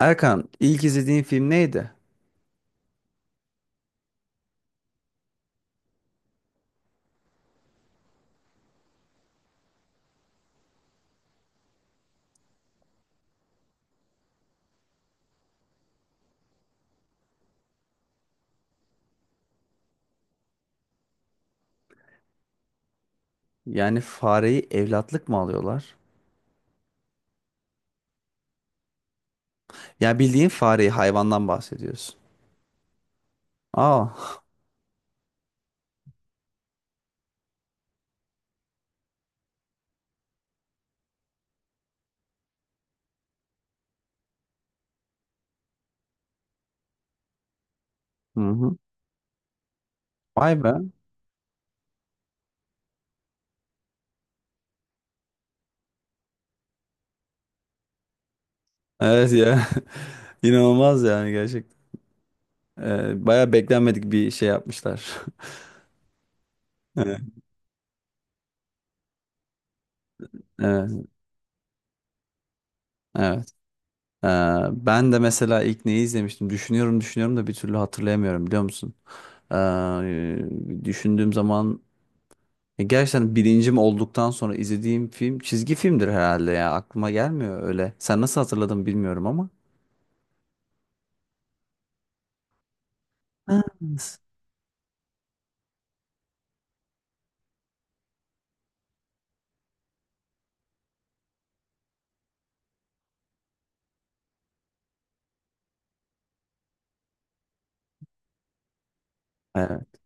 Erkan, ilk izlediğin film neydi? Yani fareyi evlatlık mı alıyorlar? Yani bildiğin fareyi hayvandan bahsediyorsun. Aa. Hı hı. Vay be. Evet ya. İnanılmaz yani gerçekten. Baya beklenmedik bir şey yapmışlar. Evet. Evet. Evet. Ee, Ben de mesela ilk neyi izlemiştim? Düşünüyorum düşünüyorum da bir türlü hatırlayamıyorum biliyor musun? Ee, Düşündüğüm zaman ya gerçekten bilincim olduktan sonra izlediğim film çizgi filmdir herhalde ya. Aklıma gelmiyor öyle. Sen nasıl hatırladın bilmiyorum ama. Ha, s- evet.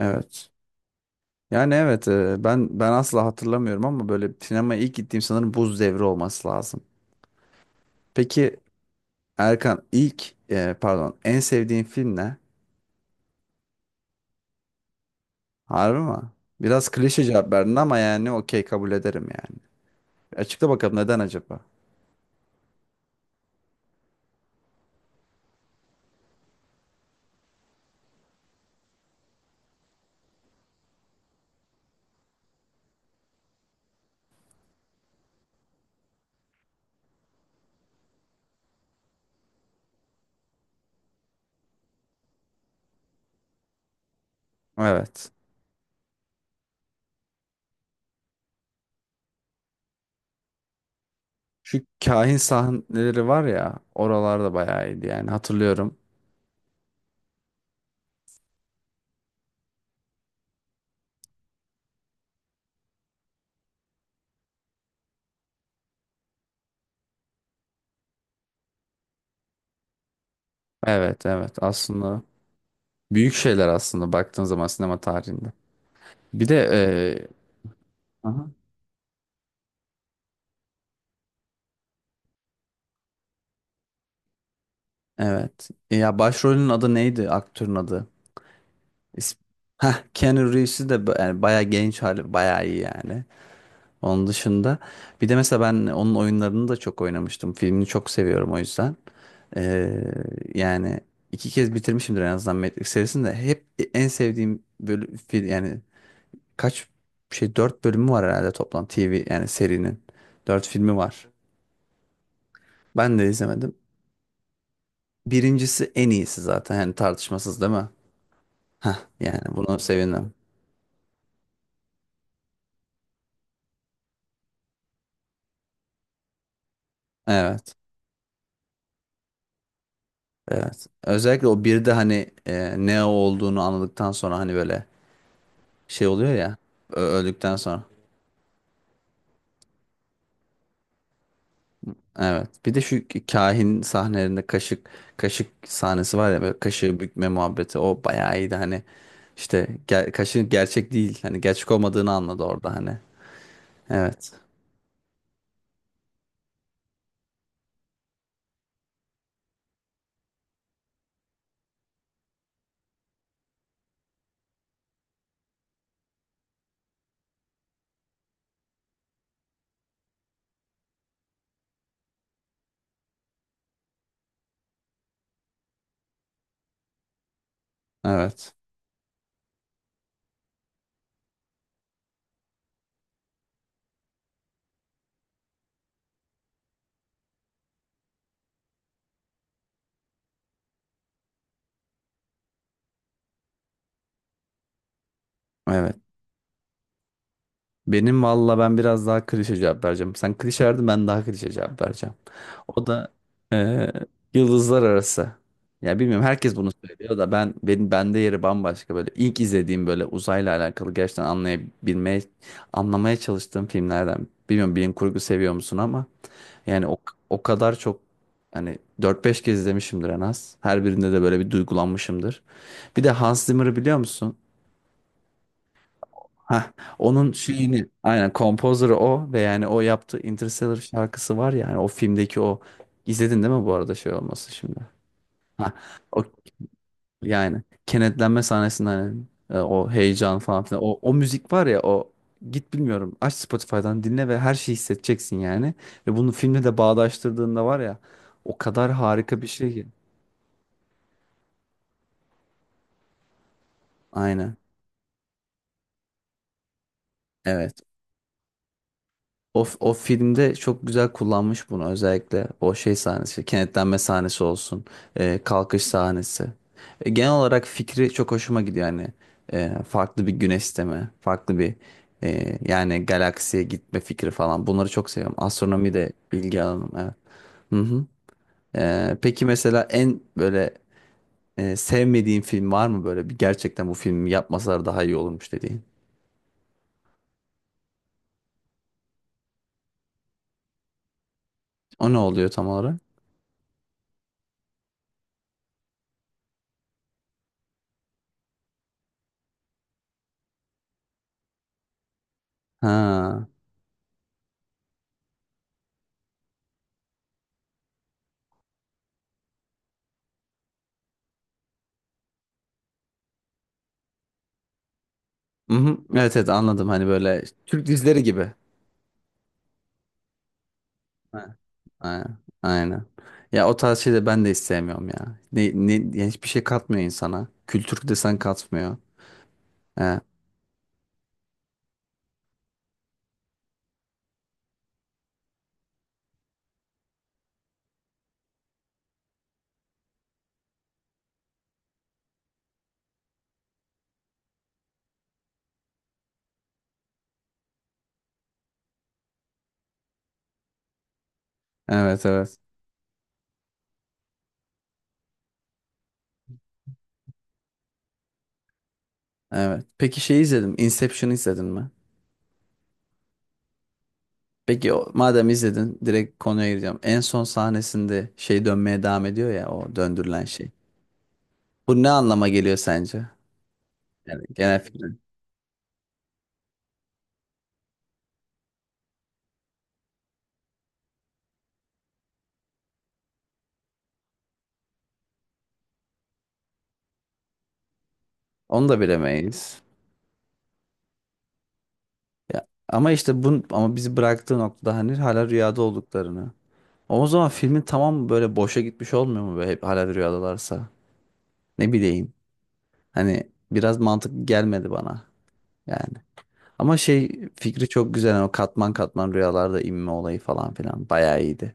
Evet. Yani evet ben asla hatırlamıyorum ama böyle sinemaya ilk gittiğim sanırım Buz Devri olması lazım. Peki Erkan, ilk pardon, en sevdiğin film ne? Harbi mi? Biraz klişe cevap verdin ama yani okey, kabul ederim yani. Açıkla bakalım neden acaba? Evet. Şu kahin sahneleri var ya, oralarda bayağı iyiydi yani, hatırlıyorum. Evet, evet, aslında büyük şeyler aslında baktığın zaman sinema tarihinde. Bir de aha. Evet. Ya başrolün adı neydi, aktörün adı? İsm Heh, Keanu Reeves'i de, yani bayağı genç hali bayağı iyi yani. Onun dışında bir de mesela ben onun oyunlarını da çok oynamıştım. Filmini çok seviyorum o yüzden. E, Yani iki kez bitirmişimdir en azından Matrix serisini de, hep en sevdiğim böyle yani kaç dört bölümü var herhalde toplam TV, yani serinin. Dört filmi var. Ben de izlemedim. Birincisi en iyisi zaten yani, tartışmasız değil mi? Heh, yani bunu sevindim. Evet. Evet. Özellikle o bir de hani ne olduğunu anladıktan sonra hani böyle şey oluyor ya, öldükten sonra. Evet. Bir de şu kahin sahnelerinde kaşık sahnesi var ya, böyle kaşığı bükme muhabbeti, o bayağı iyiydi hani, işte kaşığın gerçek değil, hani gerçek olmadığını anladı orada hani. Evet. Evet. Evet. Benim valla, ben biraz daha klişe cevap vereceğim. Sen klişe verdin, ben daha klişe cevap vereceğim. O da eee, yıldızlar arası. Ya bilmiyorum, herkes bunu söylüyor da ben, bende yeri bambaşka, böyle ilk izlediğim böyle uzayla alakalı gerçekten anlayabilmeye, anlamaya çalıştığım filmlerden. Bilmiyorum bilim kurgu seviyor musun ama yani o kadar çok hani dört beş kez izlemişimdir en az. Her birinde de böyle bir duygulanmışımdır. Bir de Hans Zimmer'ı biliyor musun? Hah, onun şeyini aynen, kompozörü o ve yani o yaptığı Interstellar şarkısı var ya, yani o filmdeki o izledin değil mi bu arada, şey olması şimdi? Ha, o yani kenetlenme sahnesinden hani, o heyecan falan filan o müzik var ya, o git bilmiyorum aç Spotify'dan dinle ve her şeyi hissedeceksin yani, ve bunu filmle de bağdaştırdığında var ya, o kadar harika bir şey ki. Aynen. Evet. O filmde çok güzel kullanmış bunu, özellikle o şey sahnesi, kenetlenme sahnesi olsun, kalkış sahnesi. Genel olarak fikri çok hoşuma gidiyor yani. Farklı bir güneş sistemi, farklı bir yani galaksiye gitme fikri falan. Bunları çok seviyorum. Astronomi de bilgi alanım. Evet. Hı hı. Peki mesela en böyle sevmediğin film var mı, böyle bir gerçekten bu filmi yapmasalar daha iyi olurmuş dediğin? O ne oluyor tam olarak? Ha. Hı hı. Evet, evet, anladım, hani böyle Türk dizileri gibi. Ha. Aynen. Aynen. Ya o tarz şeyleri ben de istemiyorum ya. Yani hiçbir şey katmıyor insana. Kültür desen katmıyor. He. Evet, evet. Evet. Peki şey, izledim Inception'ı, izledin mi? Peki o, madem izledin, direkt konuya gireceğim. En son sahnesinde şey dönmeye devam ediyor ya, o döndürülen şey. Bu ne anlama geliyor sence? Yani genel fikrin. Onu da bilemeyiz. Ya, ama işte bu, ama bizi bıraktığı noktada hani hala rüyada olduklarını. O zaman filmin, tamam böyle boşa gitmiş olmuyor mu, böyle hep hala rüyadalarsa? Ne bileyim. Hani biraz mantıklı gelmedi bana yani. Ama şey, fikri çok güzel. Yani o katman katman rüyalarda inme olayı falan filan bayağı iyiydi.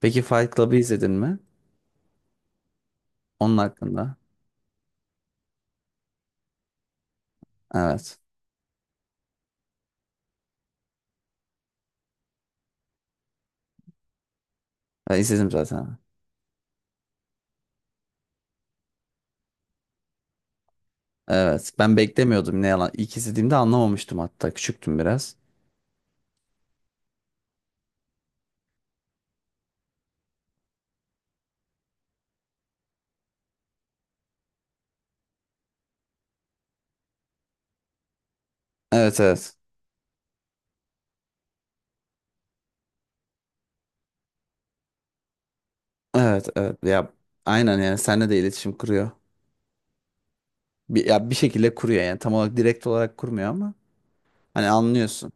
Peki Fight Club'ı izledin mi? Onun hakkında. Evet. Ben izledim zaten. Evet. Ben beklemiyordum, ne yalan. İlk izlediğimde anlamamıştım hatta. Küçüktüm biraz. Evet, evet. Evet, evet. Ya aynen, yani seninle de iletişim kuruyor. Bir, ya bir şekilde kuruyor yani, tam olarak direkt olarak kurmuyor ama. Hani anlıyorsun.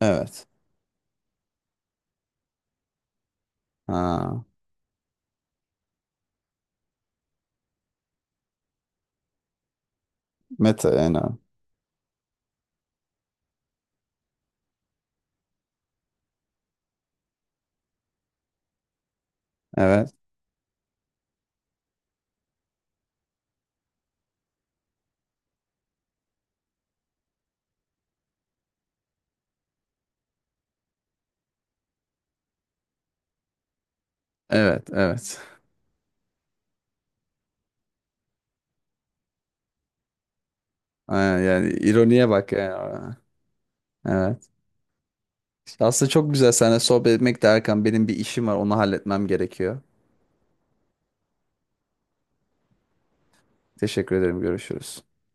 Evet. Ha. Meta yani. Evet. Evet. Evet. Ha, yani ironiye bak yani. Evet. Aslında çok güzel seninle sohbet etmek de Erkan. Benim bir işim var. Onu halletmem gerekiyor. Teşekkür ederim. Görüşürüz.